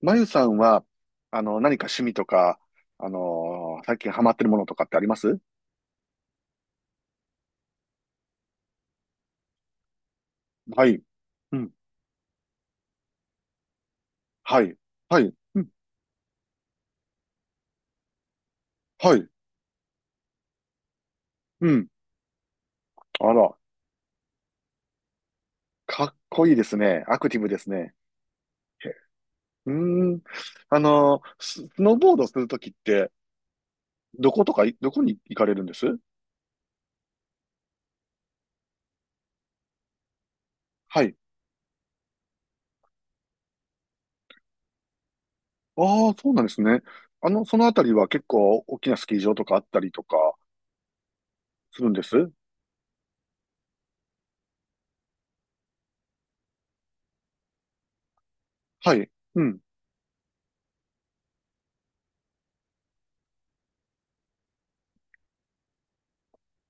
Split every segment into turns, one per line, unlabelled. まゆさんは、何か趣味とか、最近ハマってるものとかってあります？はい。うん。はい。はい。うん。はい。うん。あら、かっこいいですね。アクティブですね。へ、うーん。スノーボードするときって、どこに行かれるんです？はい。ああ、そうなんですね。そのあたりは結構大きなスキー場とかあったりとかするんです？はい。うん。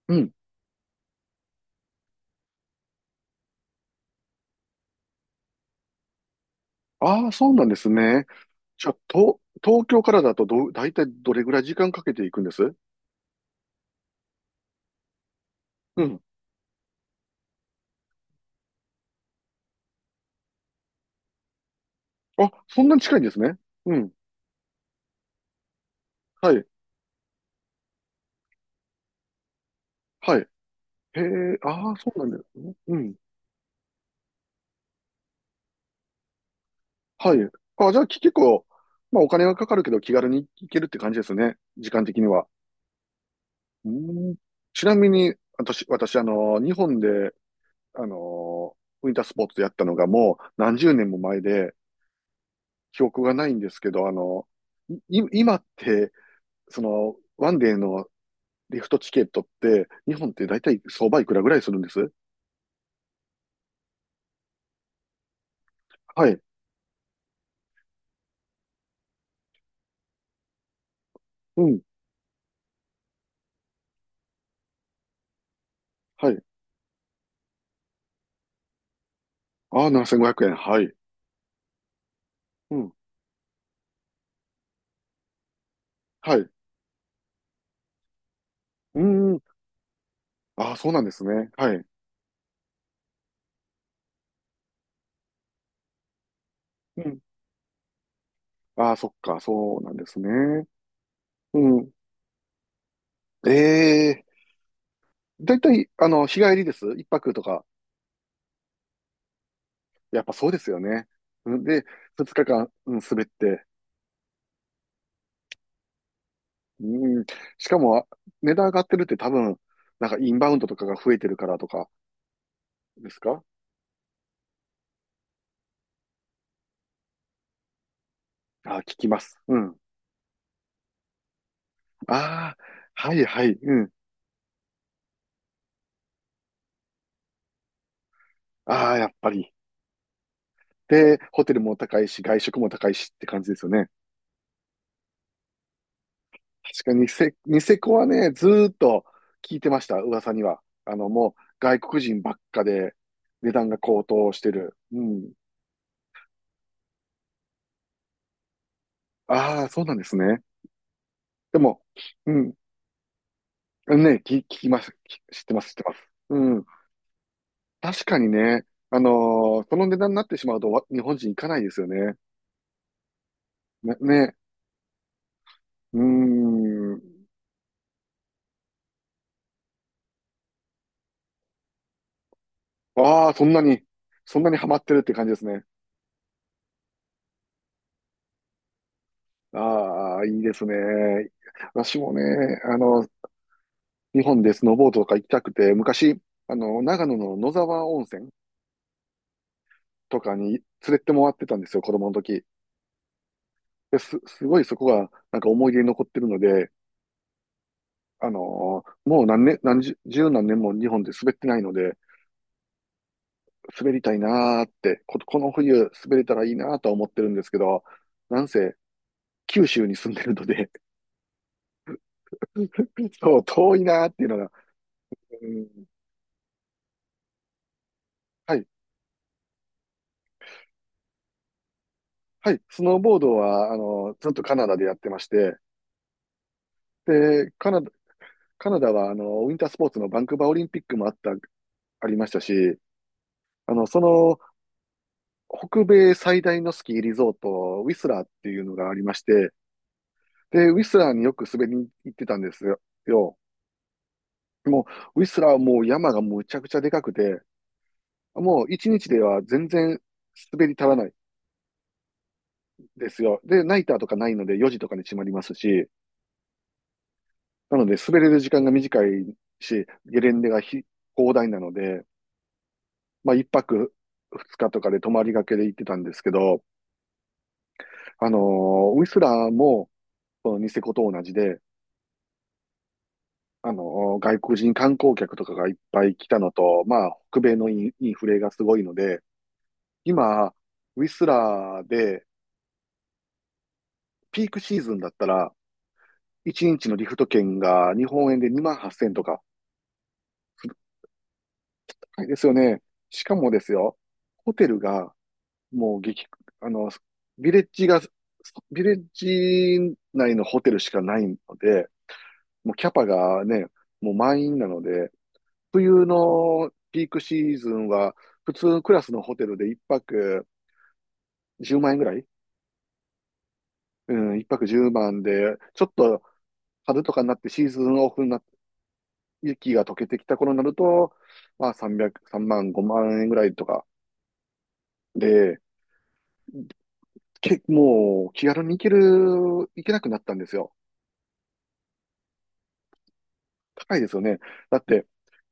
うん。ああ、そうなんですね。じゃあ、東京からだと大体どれぐらい時間かけていくんです？うん。あ、そんなに近いんですね。うん。はい。はい。へえ、ああ、そうなんですね。うん。はい。あ、じゃあ、結構、まあ、お金がかかるけど気軽に行けるって感じですね。時間的には。うん。ちなみに、私、日本で、あの、ウィンタースポーツやったのがもう何十年も前で、記憶がないんですけど、今って、その、ワンデーのリフトチケットって、日本って大体相場いくらぐらいするんです？はい。うん。はい。ああ、7500円。はい。うん。はい。うーん。ああ、そうなんですね。はい。うん。ああ、そっか。そうなんですね。うん。ええ、大体、日帰りです？一泊とか？やっぱそうですよね。うん、で、二日間、うん、滑って。うん。しかも、値段上がってるって多分、なんかインバウンドとかが増えてるからとかですか？ああ聞きます。うん。ああ、はいはい。うん。ああ、やっぱり。で、ホテルも高いし、外食も高いしって感じですよね。確かにニセコはね、ずーっと聞いてました、噂には。もう外国人ばっかで値段が高騰してる。うん。ああ、そうなんですね。でも、うん。ね、聞きます。知ってます、知ってます。うん。確かにね、その値段になってしまうとわ日本人行かないですよね。ね、ね、うーん。ああ、そんなに、そんなにハマってるって感じですね。ああ、いいですね。私もね、あの、日本でスノーボードとか行きたくて、昔、長野の野沢温泉とかに連れてもらってたんですよ、子供の時。で、すごいそこが、なんか思い出に残ってるので、もう何年、何十、十何年も日本で滑ってないので、滑りたいなーって、この冬滑れたらいいなーとは思ってるんですけど、なんせ、九州に住んでるので、そう、遠いなーっていうのが、うん、はいはい、スノーボードは、ずっとカナダでやってまして、で、カナダは、ウィンタースポーツのバンクーバーオリンピックもあった、ありましたし、あの、その、北米最大のスキーリゾート、ウィスラーっていうのがありまして、で、ウィスラーによく滑りに行ってたんですよ。よもう、ウィスラーはもう山がむちゃくちゃでかくて、もう一日では全然滑り足らないですよ。で、ナイターとかないので4時とかに閉まりますし、なので、滑れる時間が短いし、ゲレンデが広大なので、まあ、一泊二日とかで泊まりがけで行ってたんですけど、ウィスラーも、このニセコと同じで、あの外国人観光客とかがいっぱい来たのと、まあ、北米のインフレがすごいので、今、ウィスラーで、ピークシーズンだったら、1日のリフト券が日本円で2万8000とか、高いですよね。しかもですよ、ホテルがもうあの、ビレッジが、ビレッジ内のホテルしかないので、もうキャパがね、もう満員なので、冬のピークシーズンは、普通クラスのホテルで1泊10万円ぐらい、うん、1泊10万で、ちょっと春とかになってシーズンオフになって、雪が溶けてきた頃になると、まあ300、万、5万円ぐらいとかで、もう気軽に行けなくなったんですよ。高いですよね。だって、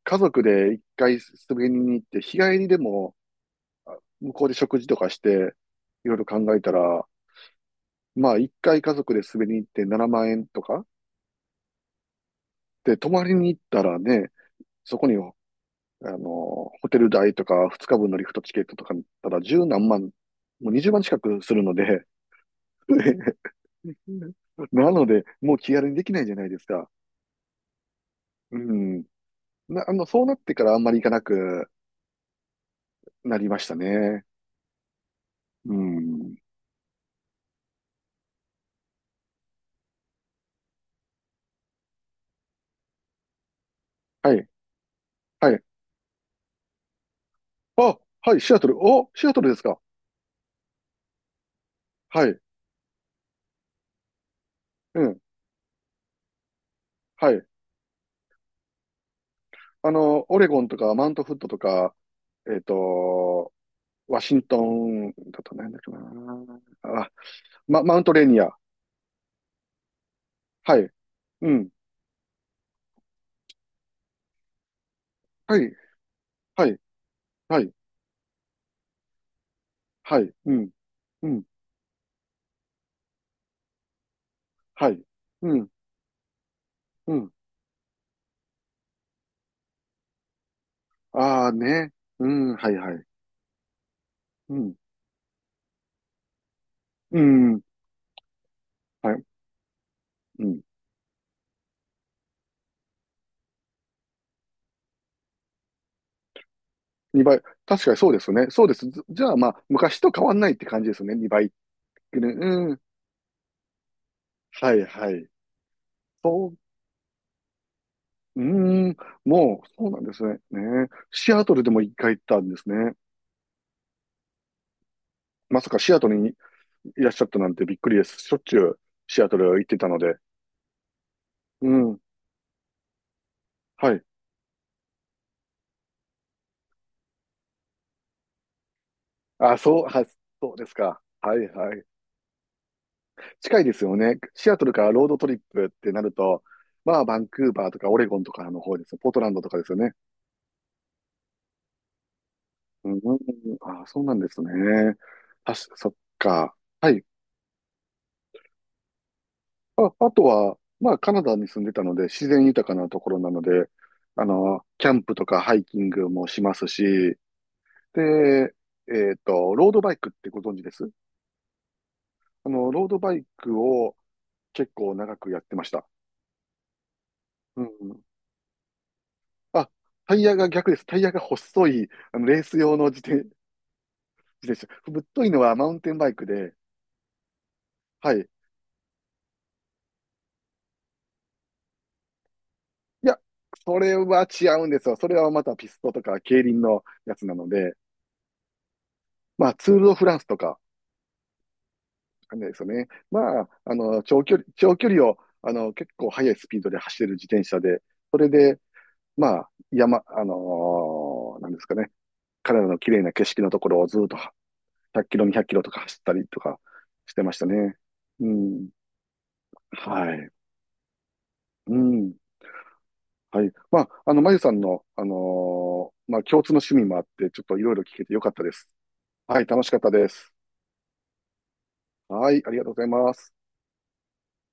家族で一回滑りに行って、日帰りでも向こうで食事とかして、いろいろ考えたら、まあ一回家族で滑りに行って7万円とか、で、泊まりに行ったらね、そこに、ホテル代とか2日分のリフトチケットとか見たら十何万、もう20万近くするので、なので、もう気軽にできないじゃないですか。うん。そうなってからあんまり行かなくなりましたね。うん。はい。はい、あ、はい、シアトル。お、シアトルですか。はい。うん。はい。オレゴンとか、マウントフットとか、えっと、ワシントンだとなんだっけな。あ、マウントレーニア。はい。うん。はい。はい。はい。はい。うん。うん。はい。うん。うん。ああね。うん。はいはい。うん。うん。はい。うん。2倍。確かにそうですね。そうです。じゃあまあ、昔と変わんないって感じですね。2倍。うん。うん、はいはい。そう、うーん、もう、そうなんですね。ね。シアトルでも一回行ったんですね。まさかシアトルにいらっしゃったなんてびっくりです。しょっちゅうシアトル行ってたので。うん。はい。あ、そう、そうですか。はいはい。近いですよね。シアトルからロードトリップってなると、まあ、バンクーバーとかオレゴンとかの方ですよ。ポートランドとかですよね。うん、あ、そうなんですね。あ、そっか。はい。あ、あとは、まあ、カナダに住んでたので、自然豊かなところなので、キャンプとかハイキングもしますし、で、ロードバイクってご存知です？ロードバイクを結構長くやってました。うん。あ、タイヤが逆です。タイヤが細い、レース用の自転車。ぶっといのはマウンテンバイクで、はい。いや、それは違うんですよ。それはまたピストとか競輪のやつなので、まあ、ツール・ド・フランスとか、感じですよね。まあ、長距離を、結構速いスピードで走れる自転車で、それで、まあ、なんですかね、彼らの綺麗な景色のところをずっと100キロ、200キロとか走ったりとかしてましたね。うん。はい。うん。はい。まあ、まゆさんの、まあ、共通の趣味もあって、ちょっといろいろ聞けてよかったです。はい、楽しかったです。はい、ありがとうございます。